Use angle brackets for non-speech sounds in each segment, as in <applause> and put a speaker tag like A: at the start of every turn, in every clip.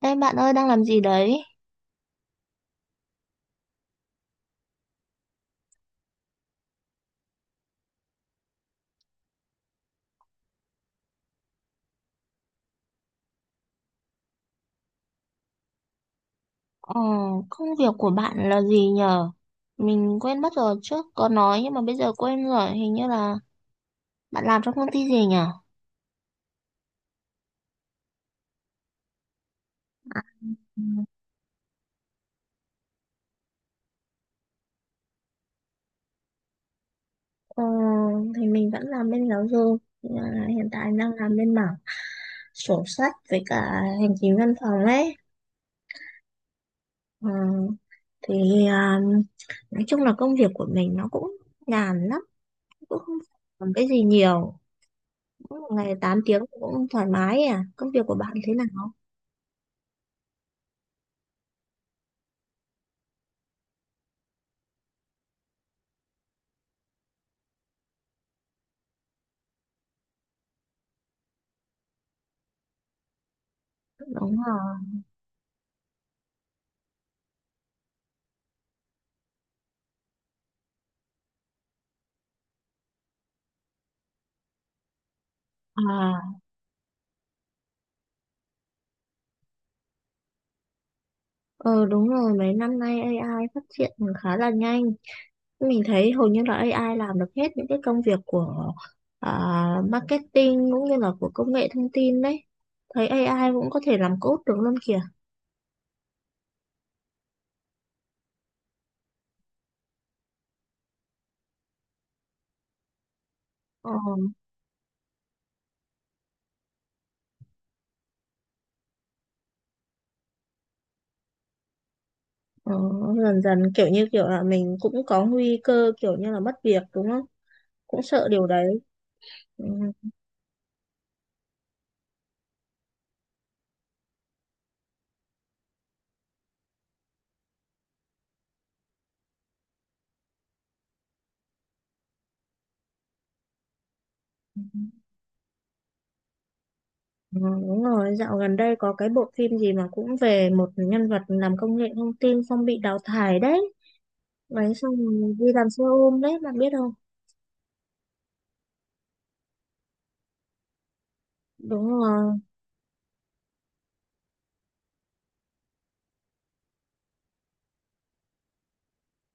A: Ê bạn ơi đang làm gì đấy? Ờ, công việc của bạn là gì nhờ? Mình quên mất rồi trước có nói nhưng mà bây giờ quên rồi. Hình như là bạn làm trong công ty gì nhở? À, ờ, thì mình vẫn làm bên giáo dục nhưng mà hiện tại đang làm bên mảng sổ sách với cả hành chính văn phòng ấy. Ờ, thì nói chung là công việc của mình nó cũng nhàn lắm, cũng không làm cái gì nhiều, cũng một ngày 8 tiếng cũng thoải mái. À, công việc của bạn thế nào? Đúng rồi. À, ờ đúng rồi, mấy năm nay AI phát triển khá là nhanh. Mình thấy hầu như là AI làm được hết những cái công việc của à, marketing cũng như là của công nghệ thông tin đấy. Thấy AI cũng có thể làm code được luôn kìa. Ờ, ờ, dần dần kiểu như kiểu là mình cũng có nguy cơ kiểu như là mất việc đúng không? Cũng sợ điều đấy. Ừ, ừ, đúng rồi, dạo gần đây có cái bộ phim gì mà cũng về một nhân vật làm công nghệ thông tin xong bị đào thải đấy. Đấy xong rồi đi làm xe ôm đấy bạn biết không? Đúng rồi.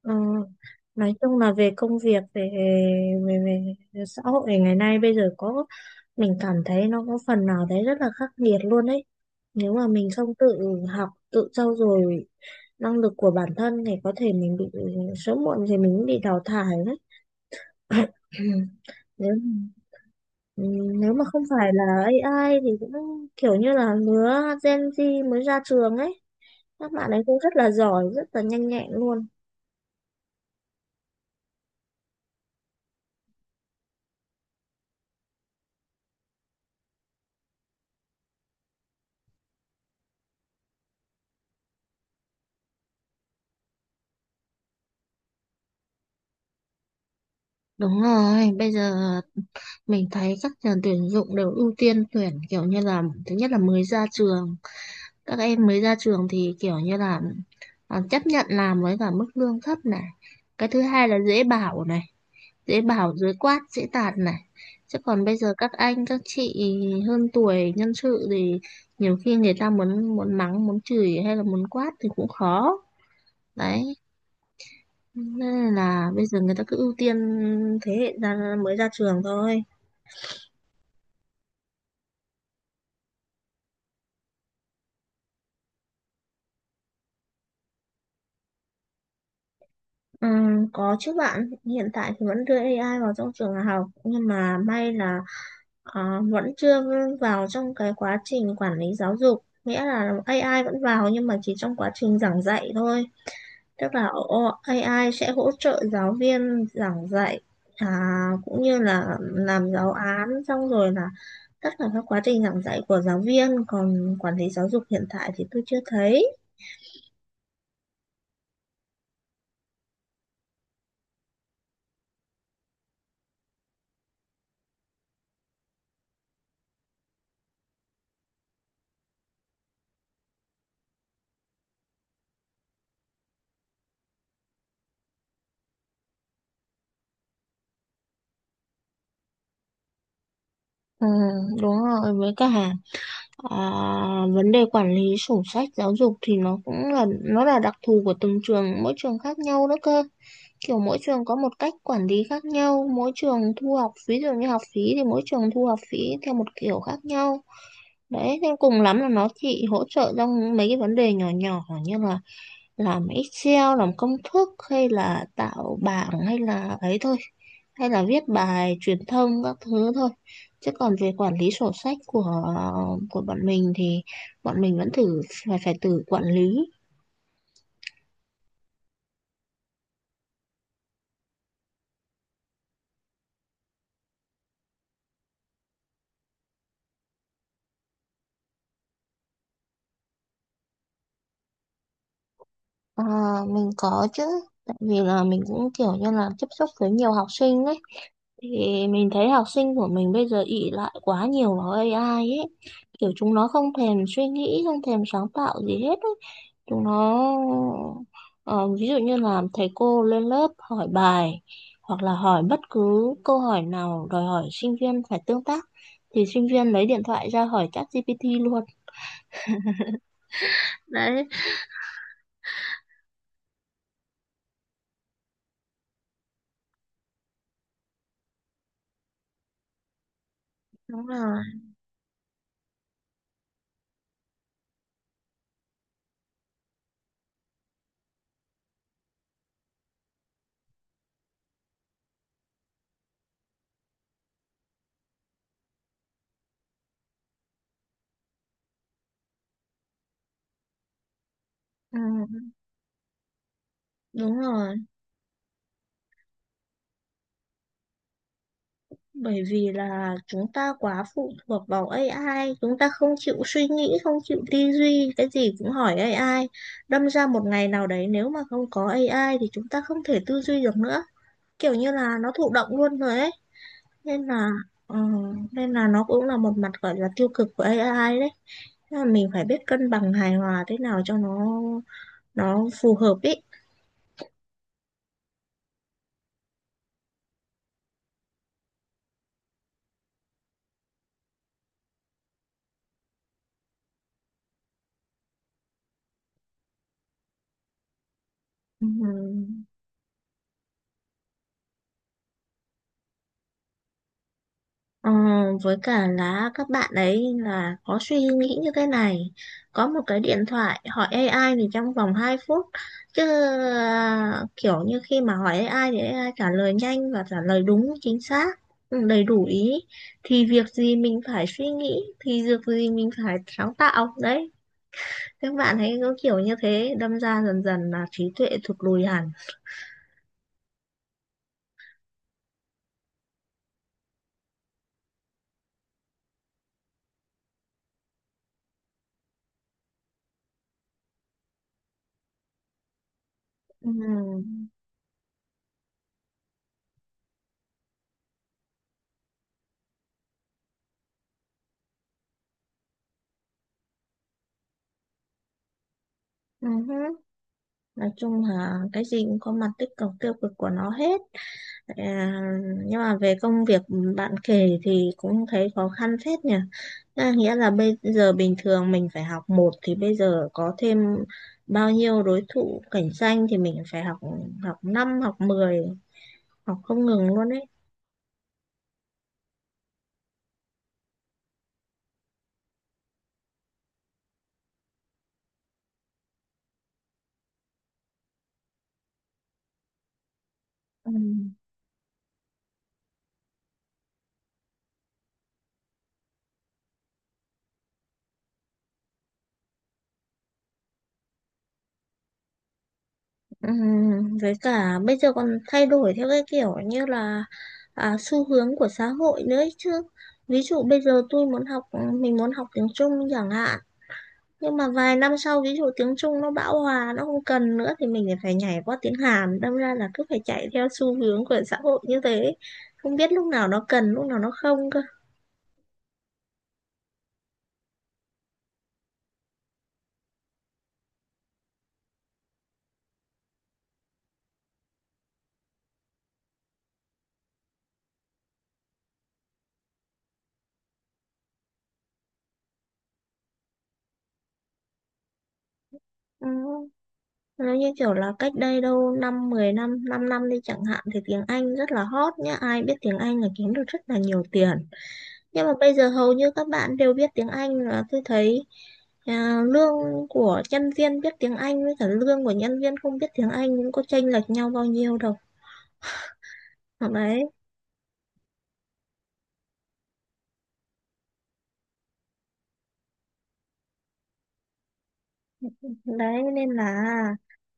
A: Ờ, nói chung là về công việc, về, về về xã hội ngày nay bây giờ có mình cảm thấy nó có phần nào đấy rất là khắc nghiệt luôn đấy. Nếu mà mình không tự học, tự trau dồi năng lực của bản thân thì có thể mình bị sớm muộn thì mình cũng bị đào thải đấy. <coughs> Nếu Ừ, nếu mà không phải là AI thì cũng kiểu như là lứa Gen Z mới ra trường ấy, các bạn ấy cũng rất là giỏi rất là nhanh nhẹn luôn. Đúng rồi, bây giờ mình thấy các trường tuyển dụng đều ưu tiên tuyển kiểu như là thứ nhất là mới ra trường, các em mới ra trường thì kiểu như là chấp nhận làm với cả mức lương thấp này. Cái thứ hai là dễ bảo này, dễ bảo dễ quát, dễ tạt này. Chứ còn bây giờ các anh các chị hơn tuổi nhân sự thì nhiều khi người ta muốn muốn mắng, muốn chửi hay là muốn quát thì cũng khó. Đấy, nên là bây giờ người ta cứ ưu tiên thế hệ mới ra trường thôi. Ừ, có chứ bạn, hiện tại thì vẫn đưa AI vào trong trường học nhưng mà may là ờ, vẫn chưa vào trong cái quá trình quản lý giáo dục. Nghĩa là AI vẫn vào nhưng mà chỉ trong quá trình giảng dạy thôi. Tức là AI sẽ hỗ trợ giáo viên giảng dạy, à, cũng như là làm giáo án xong rồi là tất cả các quá trình giảng dạy của giáo viên, còn quản lý giáo dục hiện tại thì tôi chưa thấy. Ừ, đúng rồi, với cả à, vấn đề quản lý sổ sách giáo dục thì nó cũng là nó là đặc thù của từng trường, mỗi trường khác nhau đó cơ, kiểu mỗi trường có một cách quản lý khác nhau, mỗi trường thu học phí, ví dụ như học phí thì mỗi trường thu học phí theo một kiểu khác nhau. Đấy, nên cùng lắm là nó chỉ hỗ trợ trong mấy cái vấn đề nhỏ nhỏ như là làm Excel, làm công thức hay là tạo bảng hay là ấy thôi. Hay là viết bài truyền thông các thứ thôi. Chứ còn về quản lý sổ sách của bọn mình thì bọn mình vẫn phải phải tự quản lý. À, mình có chứ, tại vì là mình cũng kiểu như là tiếp xúc với nhiều học sinh ấy. Thì mình thấy học sinh của mình bây giờ ỷ lại quá nhiều vào AI ấy. Kiểu chúng nó không thèm suy nghĩ, không thèm sáng tạo gì hết ấy. Chúng nó ờ, ví dụ như là thầy cô lên lớp hỏi bài hoặc là hỏi bất cứ câu hỏi nào đòi hỏi sinh viên phải tương tác thì sinh viên lấy điện thoại ra hỏi ChatGPT luôn. Đấy, đúng rồi. Ừ, đúng rồi. Bởi vì là chúng ta quá phụ thuộc vào AI, chúng ta không chịu suy nghĩ, không chịu tư duy, cái gì cũng hỏi AI. Đâm ra một ngày nào đấy nếu mà không có AI thì chúng ta không thể tư duy được nữa, kiểu như là nó thụ động luôn rồi ấy. Nên là ờ, nên là nó cũng là một mặt gọi là tiêu cực của AI đấy. Thế là mình phải biết cân bằng hài hòa thế nào cho nó phù hợp ý. Ừ. Ờ, với cả là các bạn ấy là có suy nghĩ như thế này, có một cái điện thoại hỏi AI thì trong vòng 2 phút, chứ kiểu như khi mà hỏi AI thì AI trả lời nhanh và trả lời đúng chính xác, ừ, đầy đủ ý, thì việc gì mình phải suy nghĩ, thì việc gì mình phải sáng tạo đấy. Các bạn ấy có kiểu như thế đâm ra dần dần là trí tuệ thụt lùi hẳn. Ừ. Ừ. Nói chung là cái gì cũng có mặt tích cực tiêu cực của nó hết. À, nhưng mà về công việc bạn kể thì cũng thấy khó khăn phết nhỉ. À, nghĩa là bây giờ bình thường mình phải học một thì bây giờ có thêm bao nhiêu đối thủ cạnh tranh thì mình phải học, học 5 học mười, học không ngừng luôn ấy. Ừ. Với cả bây giờ còn thay đổi theo cái kiểu như là xu hướng của xã hội nữa ấy chứ. Ví dụ bây giờ mình muốn học tiếng Trung chẳng hạn, nhưng mà vài năm sau ví dụ tiếng Trung nó bão hòa nó không cần nữa thì mình lại phải nhảy qua tiếng Hàn, đâm ra là cứ phải chạy theo xu hướng của xã hội như thế, không biết lúc nào nó cần lúc nào nó không cơ. Ừ. Nó như kiểu là cách đây đâu năm 10 năm 5 năm đi chẳng hạn thì tiếng Anh rất là hot nhá, ai biết tiếng Anh là kiếm được rất là nhiều tiền, nhưng mà bây giờ hầu như các bạn đều biết tiếng Anh là tôi thấy. À, lương của nhân viên biết tiếng Anh với cả lương của nhân viên không biết tiếng Anh cũng có chênh lệch nhau bao nhiêu đâu. Đấy, đấy nên là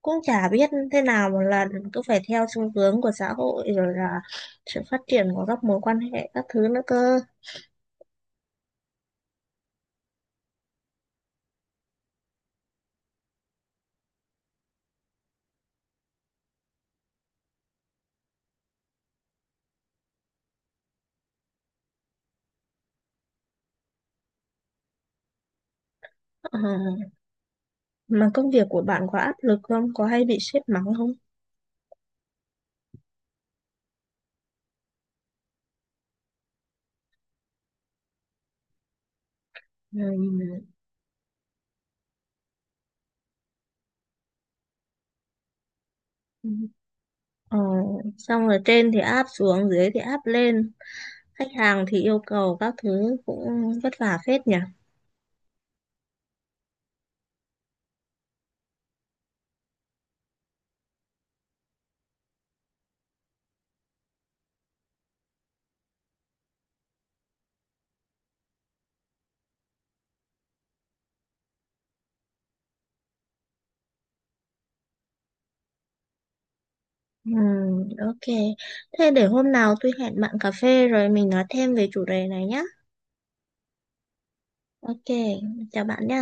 A: cũng chả biết thế nào, một lần cứ phải theo xu hướng của xã hội rồi là sự phát triển của các mối quan hệ các thứ nữa cơ. Ờ, mà công việc của bạn có áp lực không, có hay bị sếp mắng không? Ừ. Ừ. Ờ, xong rồi trên thì áp xuống dưới thì áp lên, khách hàng thì yêu cầu các thứ cũng vất vả phết nhỉ. Ừ, ok, thế để hôm nào tôi hẹn bạn cà phê rồi mình nói thêm về chủ đề này nhé. Ok, chào bạn nhé.